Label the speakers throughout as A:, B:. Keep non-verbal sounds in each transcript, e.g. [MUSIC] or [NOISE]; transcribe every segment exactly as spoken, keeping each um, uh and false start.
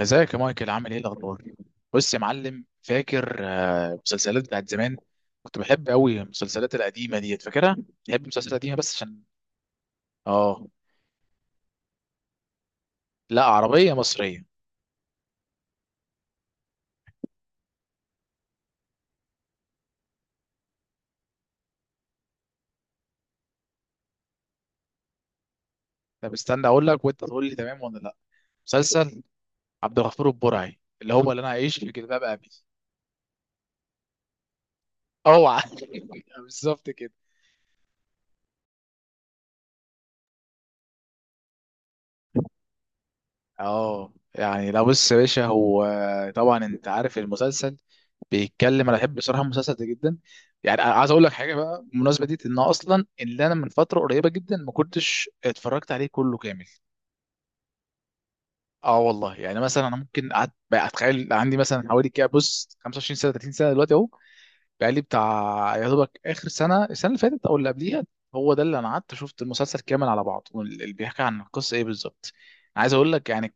A: ازيك يا مايكل عامل ايه الاخبار. بص يا معلم، فاكر آه، مسلسلات بتاعت زمان؟ كنت بحب قوي المسلسلات القديمه ديت، فاكرها؟ بحب المسلسلات القديمه بس عشان اه. لا، عربيه مصريه. طب استنى اقول لك وانت تقول لي تمام ولا لا. مسلسل عبد الغفور البرعي، اللي هو اللي انا عايش في جلباب ابي. اوعى. [LAUGHS] بالظبط كده. اه يعني، لا بص يا باشا، هو طبعا انت عارف المسلسل، بيتكلم. انا بحب بصراحه المسلسل ده جدا، يعني. أنا عايز اقول لك حاجه بقى بالمناسبه دي، ان اصلا اللي انا من فتره قريبه جدا ما كنتش اتفرجت عليه كله كامل. اه والله، يعني مثلا انا ممكن قعدت بقى اتخيل عندي مثلا حوالي كده، بص، خمسة وعشرين سنه، ثلاثين سنه دلوقتي اهو، بقى لي بتاع يا دوبك اخر سنه، السنه اللي فاتت او اللي قبليها، هو ده اللي انا قعدت شفت المسلسل كامل على بعض، واللي بيحكي عن القصه ايه بالظبط، عايز اقول لك يعني.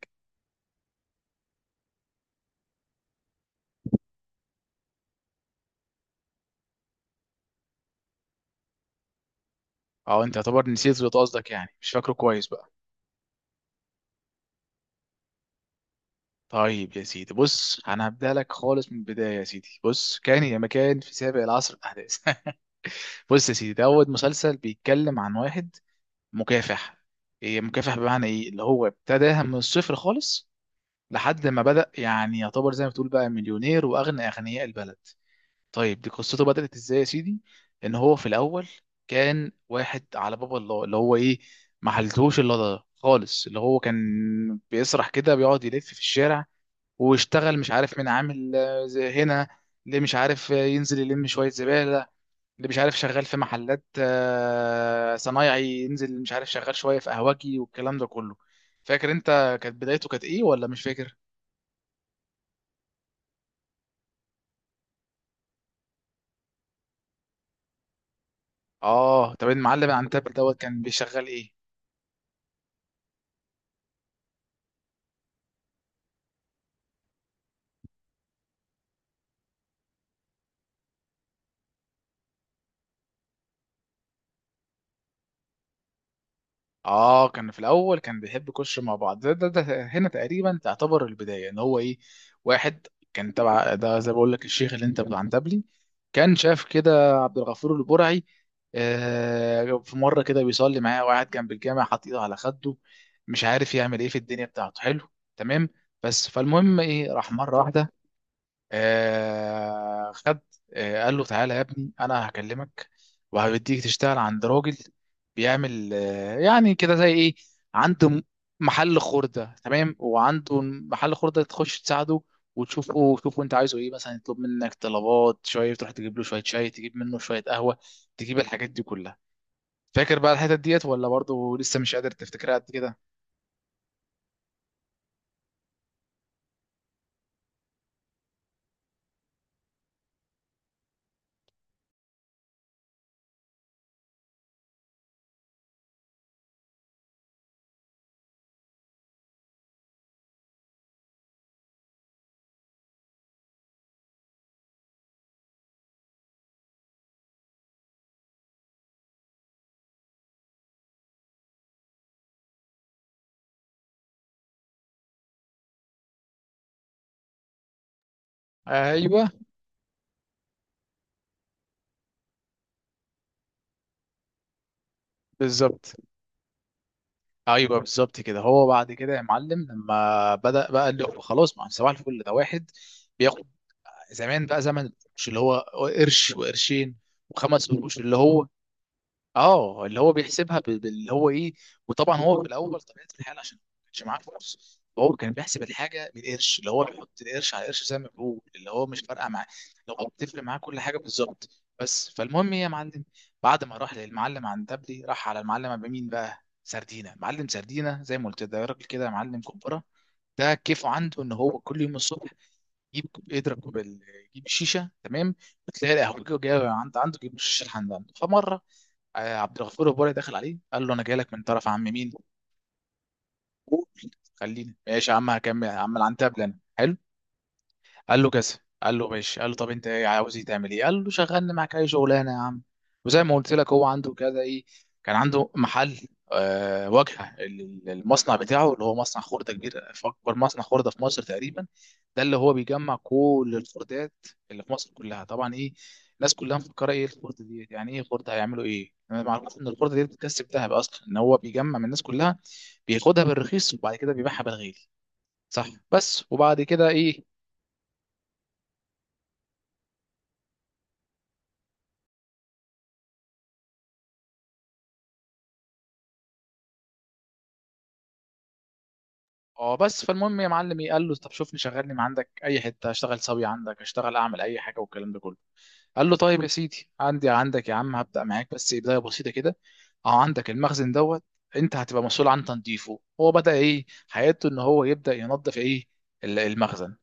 A: اه انت يعتبر نسيت، اللي قصدك يعني مش فاكره كويس بقى. طيب يا سيدي، بص، انا هبدأ لك خالص من البداية. يا سيدي بص، كان يا مكان في سابق العصر الاحداث. [LAUGHS] بص يا سيدي، ده اول مسلسل بيتكلم عن واحد مكافح. إيه مكافح بمعنى ايه؟ اللي هو ابتداها من الصفر خالص، لحد ما بدأ يعني يعتبر زي ما تقول بقى مليونير واغنى اغنياء البلد. طيب دي قصته بدأت ازاي يا سيدي؟ ان هو في الاول كان واحد على باب الله، اللي هو ايه، ما حلتهوش الا ده خالص. اللي هو كان بيسرح كده، بيقعد يلف في الشارع، واشتغل مش عارف مين، عامل آه، زي هنا، اللي مش عارف آه، ينزل يلم شوية زبالة، اللي مش عارف شغال في محلات آه، صنايعي، ينزل مش عارف شغال شوية في قهوجي والكلام ده كله. فاكر انت كانت بدايته كانت ايه ولا مش فاكر؟ اه طب المعلم عن تاب دوت كان بيشغل ايه؟ اه كان في الاول كان بيحب يخش مع بعض، ده, ده, ده هنا تقريبا تعتبر البدايه، ان هو ايه، واحد كان تبع ده زي ما بقول لك الشيخ اللي انت بتاع عنتبلي. كان شاف كده عبد الغفور البرعي، آه، في مره كده بيصلي معاه وقاعد جنب الجامع حاطط ايده على خده، مش عارف يعمل ايه في الدنيا بتاعته، حلو، تمام. بس فالمهم ايه، راح مره واحده آه خد، آه قال له تعالى يا ابني انا هكلمك وهبديك تشتغل عند راجل بيعمل آه يعني كده زي ايه، عنده م- محل خردة، تمام، وعنده محل خردة تخش تساعده وتشوفه، تشوفه انت عايزه ايه، مثلا يطلب منك طلبات شوية، تروح تجيب له شوية شاي، تجيب منه شوية قهوة، تجيب الحاجات دي كلها. فاكر بقى الحتت ديت ولا برضه لسه مش قادر تفتكرها قد كده؟ ايوه بالظبط. ايوه بالظبط كده. هو بعد كده يا معلم لما بدأ بقى اللي هو خلاص، ما هو صباح الفل ده واحد بياخد زمان بقى، زمن، مش اللي هو قرش وقرشين وخمس قروش اللي هو اه. اللي هو بيحسبها بال- باللي هو ايه. وطبعا هو في الاول طبيعه الحال، عشان ما كانش معاه فلوس، هو كان بيحسب الحاجه بالقرش، اللي هو بيحط القرش على القرش، زي ما بيقول اللي هو مش فارقه معاه، لو هو بتفرق معاه كل حاجه بالظبط. بس فالمهم ايه يا معلم، بعد ما راح للمعلم عندبلي، راح على المعلم عند مين بقى؟ سردينه، معلم سردينه. زي ما قلت، ده راجل كده معلم كبره. ده كيفه عنده ان هو كل يوم الصبح يجيب كوب- يضرب كوب ال- يجيب الشيشه، تمام، وتلاقي القهوجي جاي عند عنده يجيب الشيشه لحد عنده. فمره آه، عبد الغفور البرعي دخل عليه، قال له انا جاي لك من طرف عم مين، قول. خليني ماشي يا عم، هكمل هعمل عن تابل انا، حلو. قال له كذا، قال له ماشي. قال له طب انت ايه، عاوز ايه، تعمل ايه؟ قال له شغلني معاك اي شغلانه يا عم. وزي ما قلت لك هو عنده كذا ايه، كان عنده محل آه واجهه ال- المصنع بتاعه، اللي هو مصنع خرده كبير، اكبر مصنع خرده في مصر تقريبا. ده اللي هو بيجمع كل الخردات اللي في مصر كلها. طبعا ايه، الناس كلها مفكره ايه الخرده دي، يعني ايه خرده، هيعملوا ايه؟ انا ما اعرفش ان الخرده دي بتكسب ذهب اصلا، ان هو بيجمع من الناس كلها، بياخدها بالرخيص وبعد كده بيبيعها بالغالي. صح، بس وبعد كده ايه؟ اه بس فالمهم يا معلم إيه، قال له طب شوفني شغلني ما عندك اي حته، اشتغل سوي عندك، اشتغل اعمل اي حاجه، والكلام ده كله. قال له طيب يا سيدي، عندي عندك يا عم، هبدا معاك بس بدايه بسيطه كده، اهو عندك المخزن دوت، انت هتبقى مسؤول عن تنظيفه. هو بدا ايه حياته؟ ان هو يبدا ينظف ايه، ال- المخزن.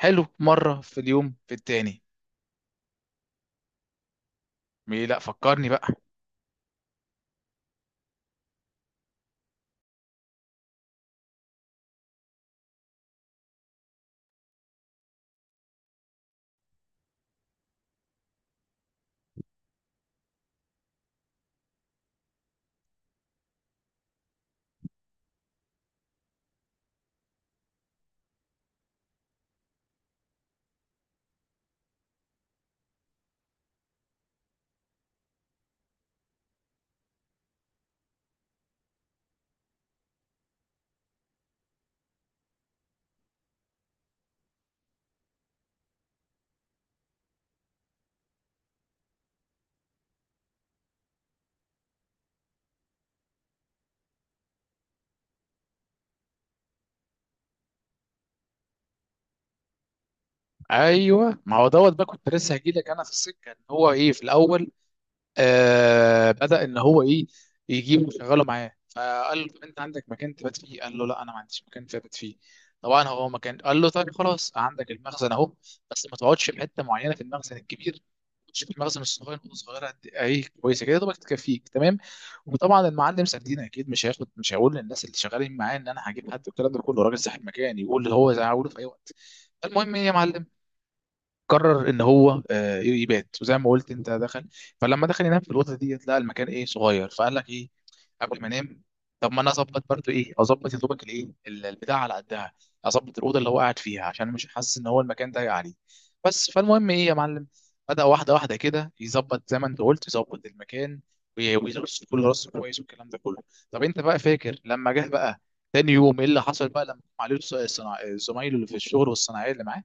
A: حلو، مره في اليوم في التاني. مي لا فكرني بقى. ايوه، ما هو دوت بقى كنت لسه هجيلك انا في السكه، إن هو ايه في الاول آه بدأ ان هو ايه، يجيبه يشغله معاه، فقال له طب انت عندك مكان تبات فيه؟ قال له لا انا ما عنديش مكان تبات فيه. طبعا هو مكان، قال له طيب خلاص عندك المخزن اهو، بس ما تقعدش في حته معينه في المخزن الكبير، تقعدش في المخزن الصغير، نقطه صغيره قد ايه كويسه كده، دوبك تكفيك، تمام. وطبعا المعلم سردين اكيد مش هياخد، مش هيقول للناس اللي شغالين معاه ان انا هجيب حد والكلام ده كله، راجل صاحب مكان يقول اللي هو زي هقوله في اي وقت. المهم ايه يا معلم، قرر ان هو آه، يبات، وزي ما قلت انت دخل. فلما دخل ينام في الاوضه ديت لقى المكان ايه، صغير، فقال لك ايه، قبل ما انام، طب ما انا اظبط برضو ايه، اظبط يا دوبك الايه، ال- البتاع على قدها، اظبط الاوضه اللي هو قاعد فيها عشان مش حاسس ان هو المكان ضايق عليه. بس فالمهم ايه يا معلم، بدا واحده واحده كده يظبط، زي ما انت قلت يظبط المكان، وي- ويرص كل رص كويس والكلام ده كله. طب انت بقى فاكر لما جه بقى تاني يوم ايه اللي حصل، بقى لما قام عليه الص- الصناع- زمايله اللي في الشغل والصناعيه اللي معاه؟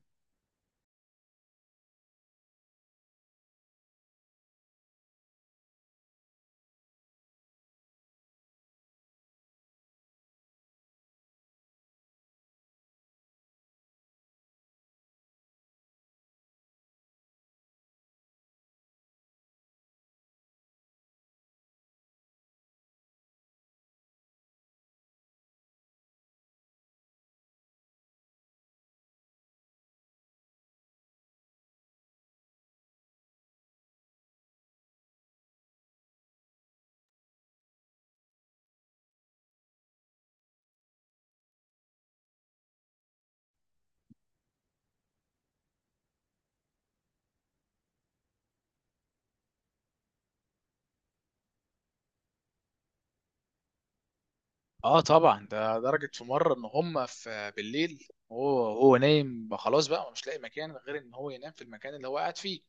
A: اه طبعا، ده درجة في مرة ان هم في بالليل، هو هو نايم بقى خلاص بقى، ومش لاقي مكان غير ان هو ينام في المكان اللي هو قاعد فيه،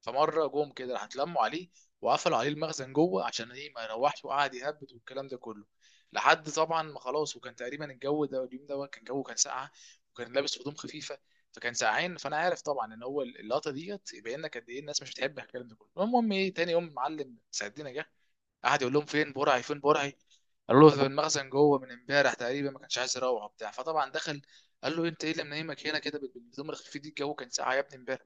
A: فمرة جم كده راح اتلموا عليه وقفلوا عليه المخزن جوه، عشان ايه ما يروحش، وقعد يهبد والكلام ده كله لحد طبعا ما خلاص. وكان تقريبا الجو ده اليوم ده كان جو كان ساقعة، وكان لابس هدوم خفيفة فكان ساقعين. فانا عارف طبعا ان هو اللقطة ديت يبين لك قد ايه الناس مش بتحب الكلام ده كله. المهم ايه، تاني يوم معلم سعدنا جه، قعد يقول لهم فين برعي فين برعي، قالوا له في المخزن جوه من امبارح تقريبا ما كانش عايز يروح وبتاع. فطبعا دخل، قال له انت ايه اللي منيمك هنا كده بال- بالهدوم الخفيف دي، الجو كان ساقع يا ابني امبارح.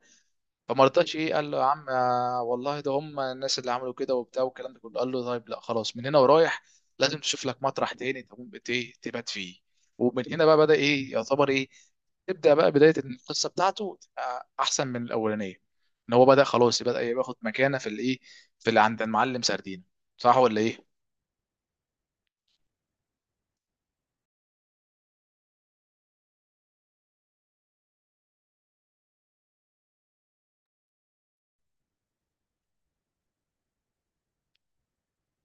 A: فما رضاش ايه، قال له يا عم آه، والله ده هم الناس اللي عملوا كده وبتاع والكلام ده كله. قال له طيب لا خلاص، من هنا ورايح لازم تشوف لك مطرح تاني تقوم بت- إيه، تبات فيه. ومن هنا بقى بدأ ايه، يعتبر ايه، تبدأ بقى بداية إن القصة بتاعته تبقى أحسن من الأولانية، إن هو بدأ خلاص، بدأ ياخد مكانة في الإيه، في اللي عند المعلم سردين. صح ولا إيه؟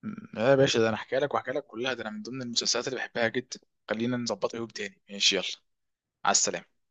A: م- يا باشا، ده أنا هحكي لك وهحكي لك كلها، ده أنا من ضمن المسلسلات اللي بحبها جدا. خلينا نظبطها يوم تاني، ماشي، يلا، على السلامة.